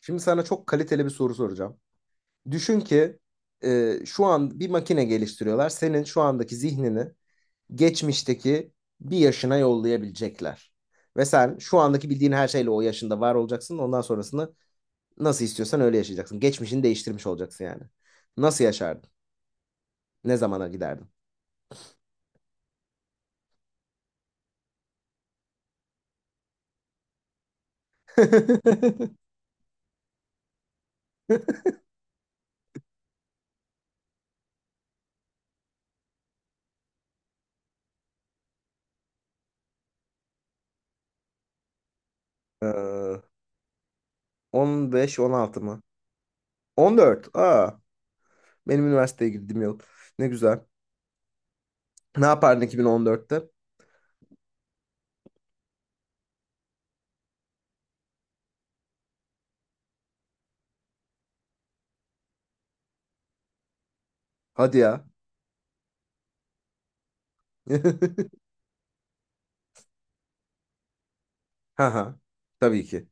Şimdi sana çok kaliteli bir soru soracağım. Düşün ki şu an bir makine geliştiriyorlar. Senin şu andaki zihnini geçmişteki bir yaşına yollayabilecekler. Ve sen şu andaki bildiğin her şeyle o yaşında var olacaksın. Ondan sonrasını nasıl istiyorsan öyle yaşayacaksın. Geçmişini değiştirmiş olacaksın yani. Nasıl yaşardın? Ne zamana giderdin? Ee, 15-16 mı? 14. Benim üniversiteye girdiğim yıl. Ne güzel. Ne yapardın 2014'te? Hadi ya. Ha ha. Tabii ki.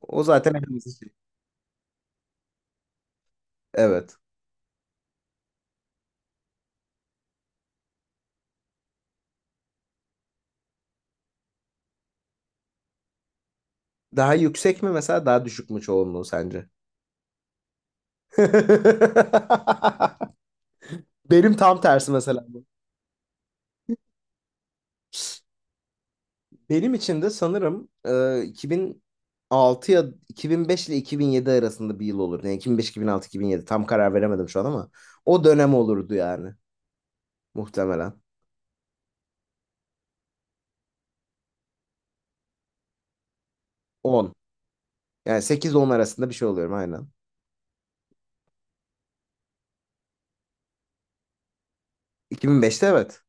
O zaten en hızlı şey. Evet. Daha yüksek mi mesela daha düşük mü çoğunluğu sence? Benim tam tersi mesela bu. Benim için de sanırım 2006 ya 2005 ile 2007 arasında bir yıl olur. Yani 2005, 2006, 2007 tam karar veremedim şu an ama o dönem olurdu yani muhtemelen. 10. Yani 8-10 arasında bir şey oluyorum aynen. 2005'te evet.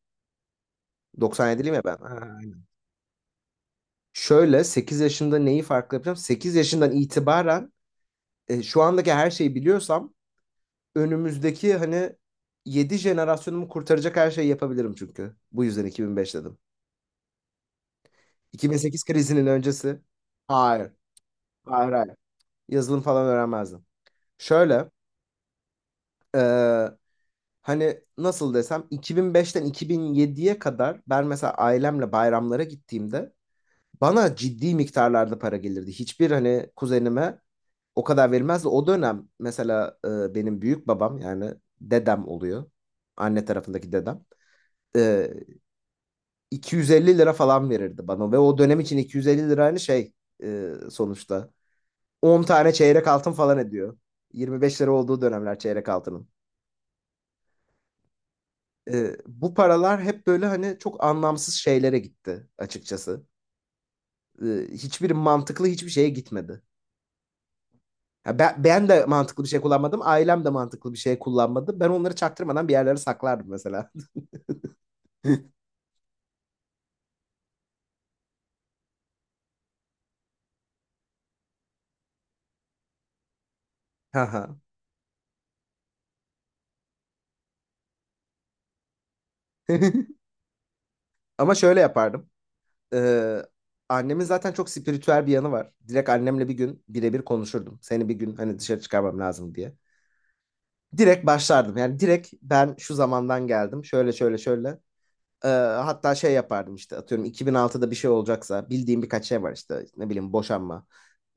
97'liyim ya ben. Ha. Şöyle 8 yaşında neyi farklı yapacağım? 8 yaşından itibaren şu andaki her şeyi biliyorsam önümüzdeki hani 7 jenerasyonumu kurtaracak her şeyi yapabilirim çünkü. Bu yüzden 2005 dedim. 2008 krizinin öncesi. Hayır. Hayır, hayır. Yazılım falan öğrenmezdim. Şöyle, e, hani nasıl desem 2005'ten 2007'ye kadar ben mesela ailemle bayramlara gittiğimde bana ciddi miktarlarda para gelirdi. Hiçbir hani kuzenime o kadar verilmez de o dönem mesela benim büyük babam yani dedem oluyor. Anne tarafındaki dedem. E, 250 lira falan verirdi bana ve o dönem için 250 lira hani şey, sonuçta 10 tane çeyrek altın falan ediyor. 25 lira olduğu dönemler çeyrek altının. Bu paralar hep böyle hani çok anlamsız şeylere gitti açıkçası. E, hiçbir mantıklı hiçbir şeye gitmedi. Ya, ben de mantıklı bir şey kullanmadım. Ailem de mantıklı bir şey kullanmadı. Ben onları çaktırmadan bir yerlere saklardım mesela. Haha. Ama şöyle yapardım. Ee, annemin zaten çok spiritüel bir yanı var. Direkt annemle bir gün birebir konuşurdum. Seni bir gün hani dışarı çıkarmam lazım diye. Direkt başlardım. Yani direkt ben şu zamandan geldim. Şöyle şöyle şöyle. Ee, hatta şey yapardım işte atıyorum 2006'da bir şey olacaksa bildiğim birkaç şey var işte ne bileyim boşanma.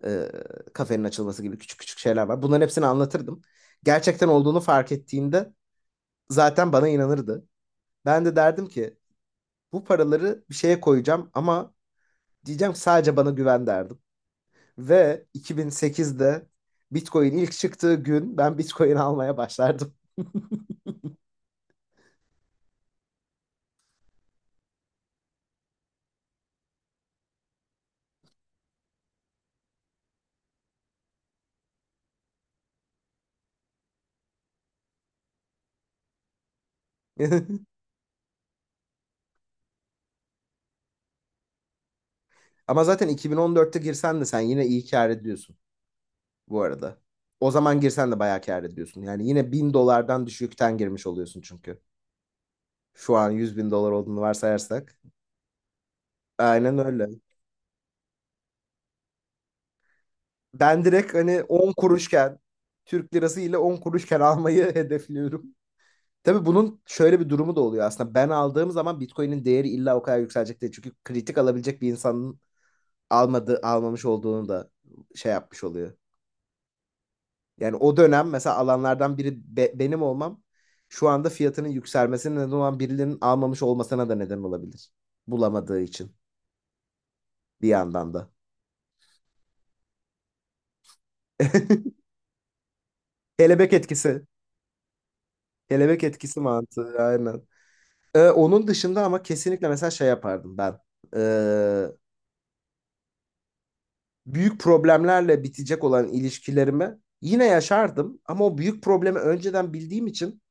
e, kafenin açılması gibi küçük küçük şeyler var. Bunların hepsini anlatırdım. Gerçekten olduğunu fark ettiğinde zaten bana inanırdı. Ben de derdim ki bu paraları bir şeye koyacağım ama diyeceğim sadece bana güven derdim. Ve 2008'de Bitcoin ilk çıktığı gün ben Bitcoin almaya başlardım. Ama zaten 2014'te girsen de sen yine iyi kâr ediyorsun bu arada. O zaman girsen de bayağı kâr ediyorsun. Yani yine 1000 dolardan düşükten girmiş oluyorsun çünkü. Şu an 100 bin dolar olduğunu varsayarsak. Aynen öyle. Ben direkt hani 10 kuruşken Türk lirası ile 10 kuruşken almayı hedefliyorum. Tabii bunun şöyle bir durumu da oluyor aslında. Ben aldığım zaman Bitcoin'in değeri illa o kadar yükselecek değil. Çünkü kritik alabilecek bir insanın almadığı, almamış olduğunu da şey yapmış oluyor. Yani o dönem mesela alanlardan biri benim olmam şu anda fiyatının yükselmesine neden olan birilerinin almamış olmasına da neden olabilir. Bulamadığı için bir yandan da. Kelebek etkisi. Kelebek etkisi mantığı aynen. Onun dışında ama kesinlikle mesela şey yapardım ben. Ee, büyük problemlerle bitecek olan ilişkilerimi yine yaşardım ama o büyük problemi önceden bildiğim için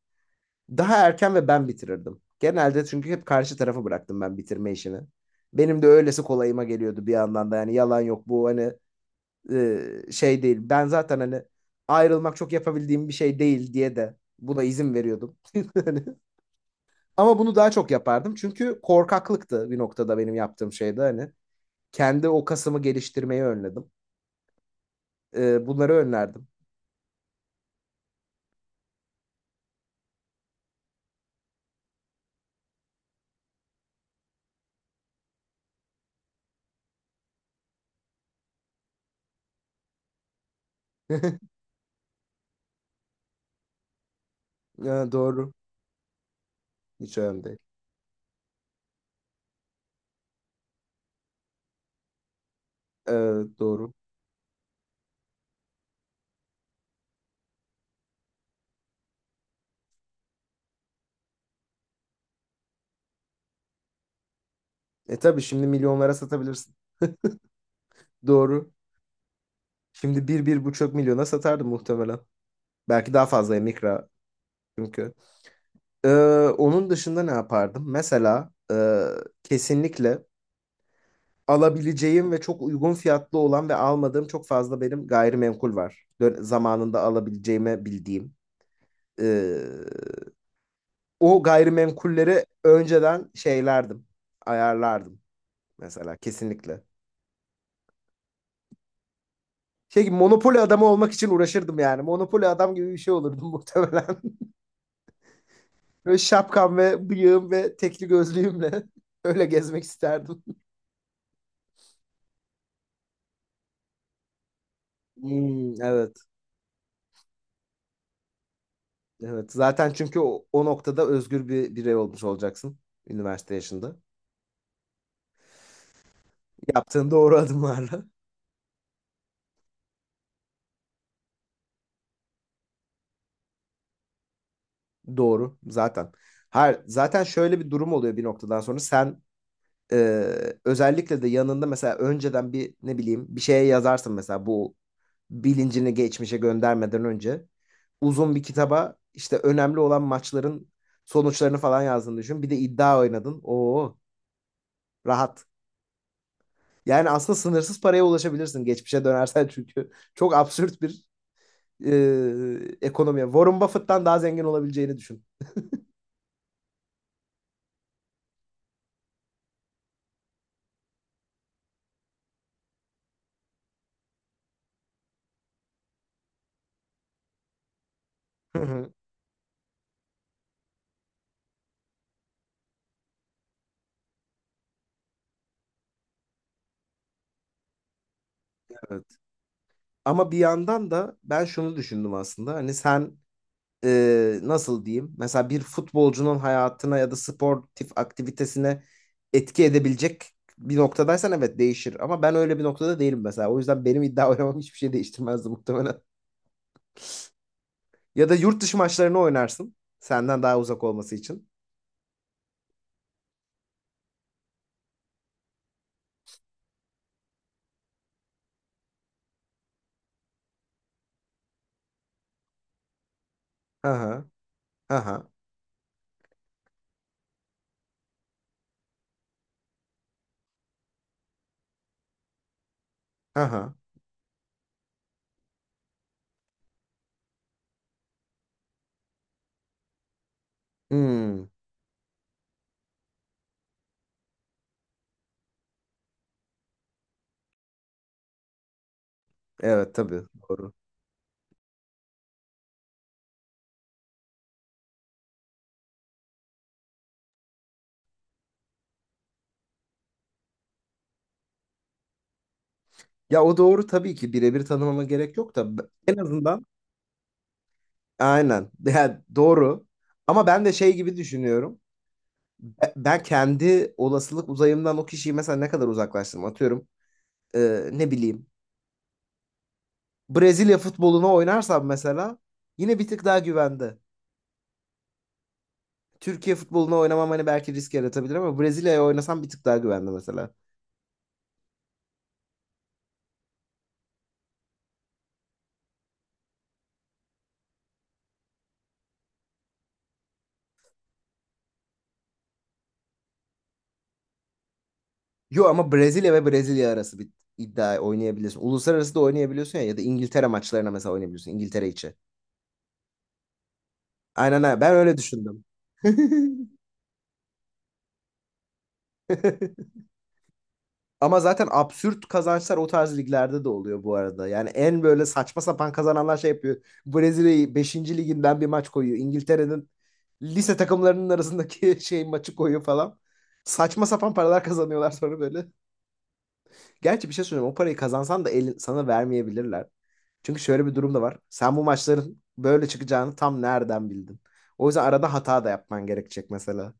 daha erken ve ben bitirirdim. Genelde çünkü hep karşı tarafı bıraktım ben bitirme işini. Benim de öylesi kolayıma geliyordu bir yandan da yani yalan yok, bu hani şey değil. Ben zaten hani ayrılmak çok yapabildiğim bir şey değil diye de buna izin veriyordum. Hani ama bunu daha çok yapardım çünkü korkaklıktı bir noktada benim yaptığım şeyde hani. Kendi o kasımı geliştirmeyi önledim. Bunları önlerdim. Ha, doğru. Hiç önemli değil. Ee, doğru. E tabii şimdi milyonlara satabilirsin. Doğru. Şimdi bir, bir buçuk milyona satardım muhtemelen. Belki daha fazla mikra çünkü. Ee, onun dışında ne yapardım? Mesela kesinlikle alabileceğim ve çok uygun fiyatlı olan ve almadığım çok fazla benim gayrimenkul var. Zamanında alabileceğimi bildiğim. Ee, o gayrimenkulleri önceden şeylerdim. Ayarlardım mesela kesinlikle. Şey gibi monopoli adamı olmak için uğraşırdım yani. Monopoli adam gibi bir şey olurdum muhtemelen. Böyle şapkam ve bıyığım ve tekli gözlüğümle öyle gezmek isterdim. Hmm, evet, evet. Zaten çünkü o, o noktada özgür bir birey olmuş olacaksın üniversite yaşında. Yaptığın doğru adımlarla. Doğru zaten. Her zaten şöyle bir durum oluyor bir noktadan sonra sen. Özellikle de yanında mesela önceden bir ne bileyim bir şeye yazarsın mesela bu bilincini geçmişe göndermeden önce uzun bir kitaba işte önemli olan maçların sonuçlarını falan yazdığını düşün. Bir de iddia oynadın. Oo, rahat. Yani aslında sınırsız paraya ulaşabilirsin geçmişe dönersen çünkü çok absürt bir ekonomi. Warren Buffett'tan daha zengin olabileceğini düşün. Hı hı. Evet. Ama bir yandan da ben şunu düşündüm aslında. Hani sen nasıl diyeyim? Mesela bir futbolcunun hayatına ya da sportif aktivitesine etki edebilecek bir noktadaysan evet değişir. Ama ben öyle bir noktada değilim mesela. O yüzden benim iddia oynamam hiçbir şey değiştirmezdi muhtemelen. Ya da yurt dışı maçlarını oynarsın. Senden daha uzak olması için. Aha, aha, aha. Hmm, evet tabii doğru. Ya o doğru tabii ki birebir tanımama gerek yok da, en azından aynen. Yani doğru. Ama ben de şey gibi düşünüyorum. Ben kendi olasılık uzayımdan o kişiyi mesela ne kadar uzaklaştırırım atıyorum. Ne bileyim. Brezilya futboluna oynarsam mesela yine bir tık daha güvende. Türkiye futboluna oynamam hani belki risk yaratabilir ama Brezilya'ya oynasam bir tık daha güvende mesela. Yo ama Brezilya ve Brezilya arası bir iddia oynayabiliyorsun. Uluslararası da oynayabiliyorsun ya, ya da İngiltere maçlarına mesela oynayabiliyorsun İngiltere içi. Aynen aynen. Ben öyle düşündüm. Ama zaten absürt kazançlar o tarz liglerde de oluyor bu arada. Yani en böyle saçma sapan kazananlar şey yapıyor. Brezilya'yı beşinci liginden bir maç koyuyor. İngiltere'nin lise takımlarının arasındaki şey maçı koyuyor falan. Saçma sapan paralar kazanıyorlar sonra böyle. Gerçi bir şey söyleyeyim. O parayı kazansan da elin, sana vermeyebilirler. Çünkü şöyle bir durum da var. Sen bu maçların böyle çıkacağını tam nereden bildin? O yüzden arada hata da yapman gerekecek mesela.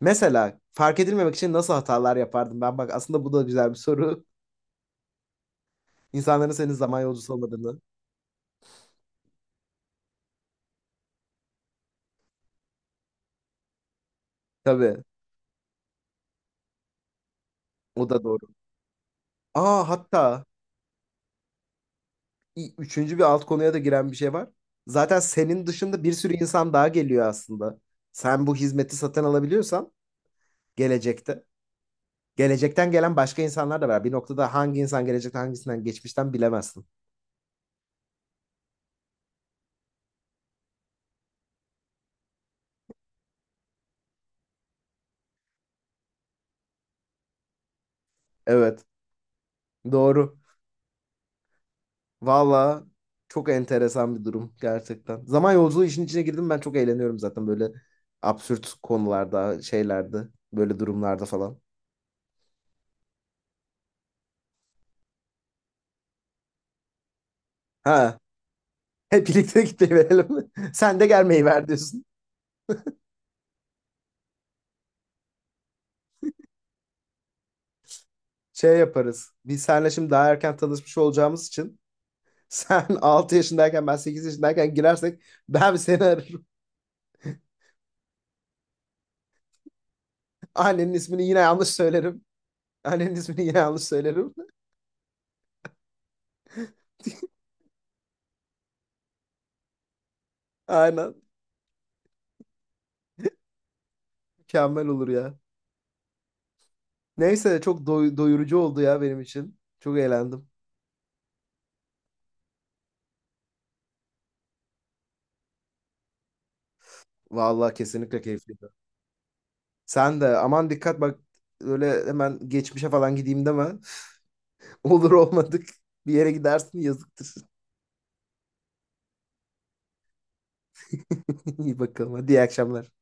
Mesela fark edilmemek için nasıl hatalar yapardım? Ben bak aslında bu da güzel bir soru. İnsanların senin zaman yolcusu olmadığını. Tabii o da doğru. Aa, hatta üçüncü bir alt konuya da giren bir şey var. Zaten senin dışında bir sürü insan daha geliyor aslında. Sen bu hizmeti satın alabiliyorsan gelecekte. Gelecekten gelen başka insanlar da var. Bir noktada hangi insan gelecekten hangisinden geçmişten bilemezsin. Evet. Doğru. Valla çok enteresan bir durum gerçekten. Zaman yolculuğu işin içine girdim ben çok eğleniyorum zaten böyle absürt konularda, şeylerde, böyle durumlarda falan. Ha, hep birlikte gitmeyi verelim. Sen de gelmeyi ver diyorsun. Şey yaparız. Biz seninle şimdi daha erken tanışmış olacağımız için sen 6 yaşındayken ben 8 yaşındayken girersek ben seni ararım. Annenin ismini yine yanlış söylerim. Annenin ismini yine yanlış söylerim. Aynen. Mükemmel olur ya. Neyse çok doyurucu oldu ya benim için. Çok eğlendim. Vallahi kesinlikle keyifliydi. Sen de aman dikkat bak, öyle hemen geçmişe falan gideyim deme. Olur olmadık bir yere gidersin yazıktır. İyi bakalım, hadi iyi akşamlar.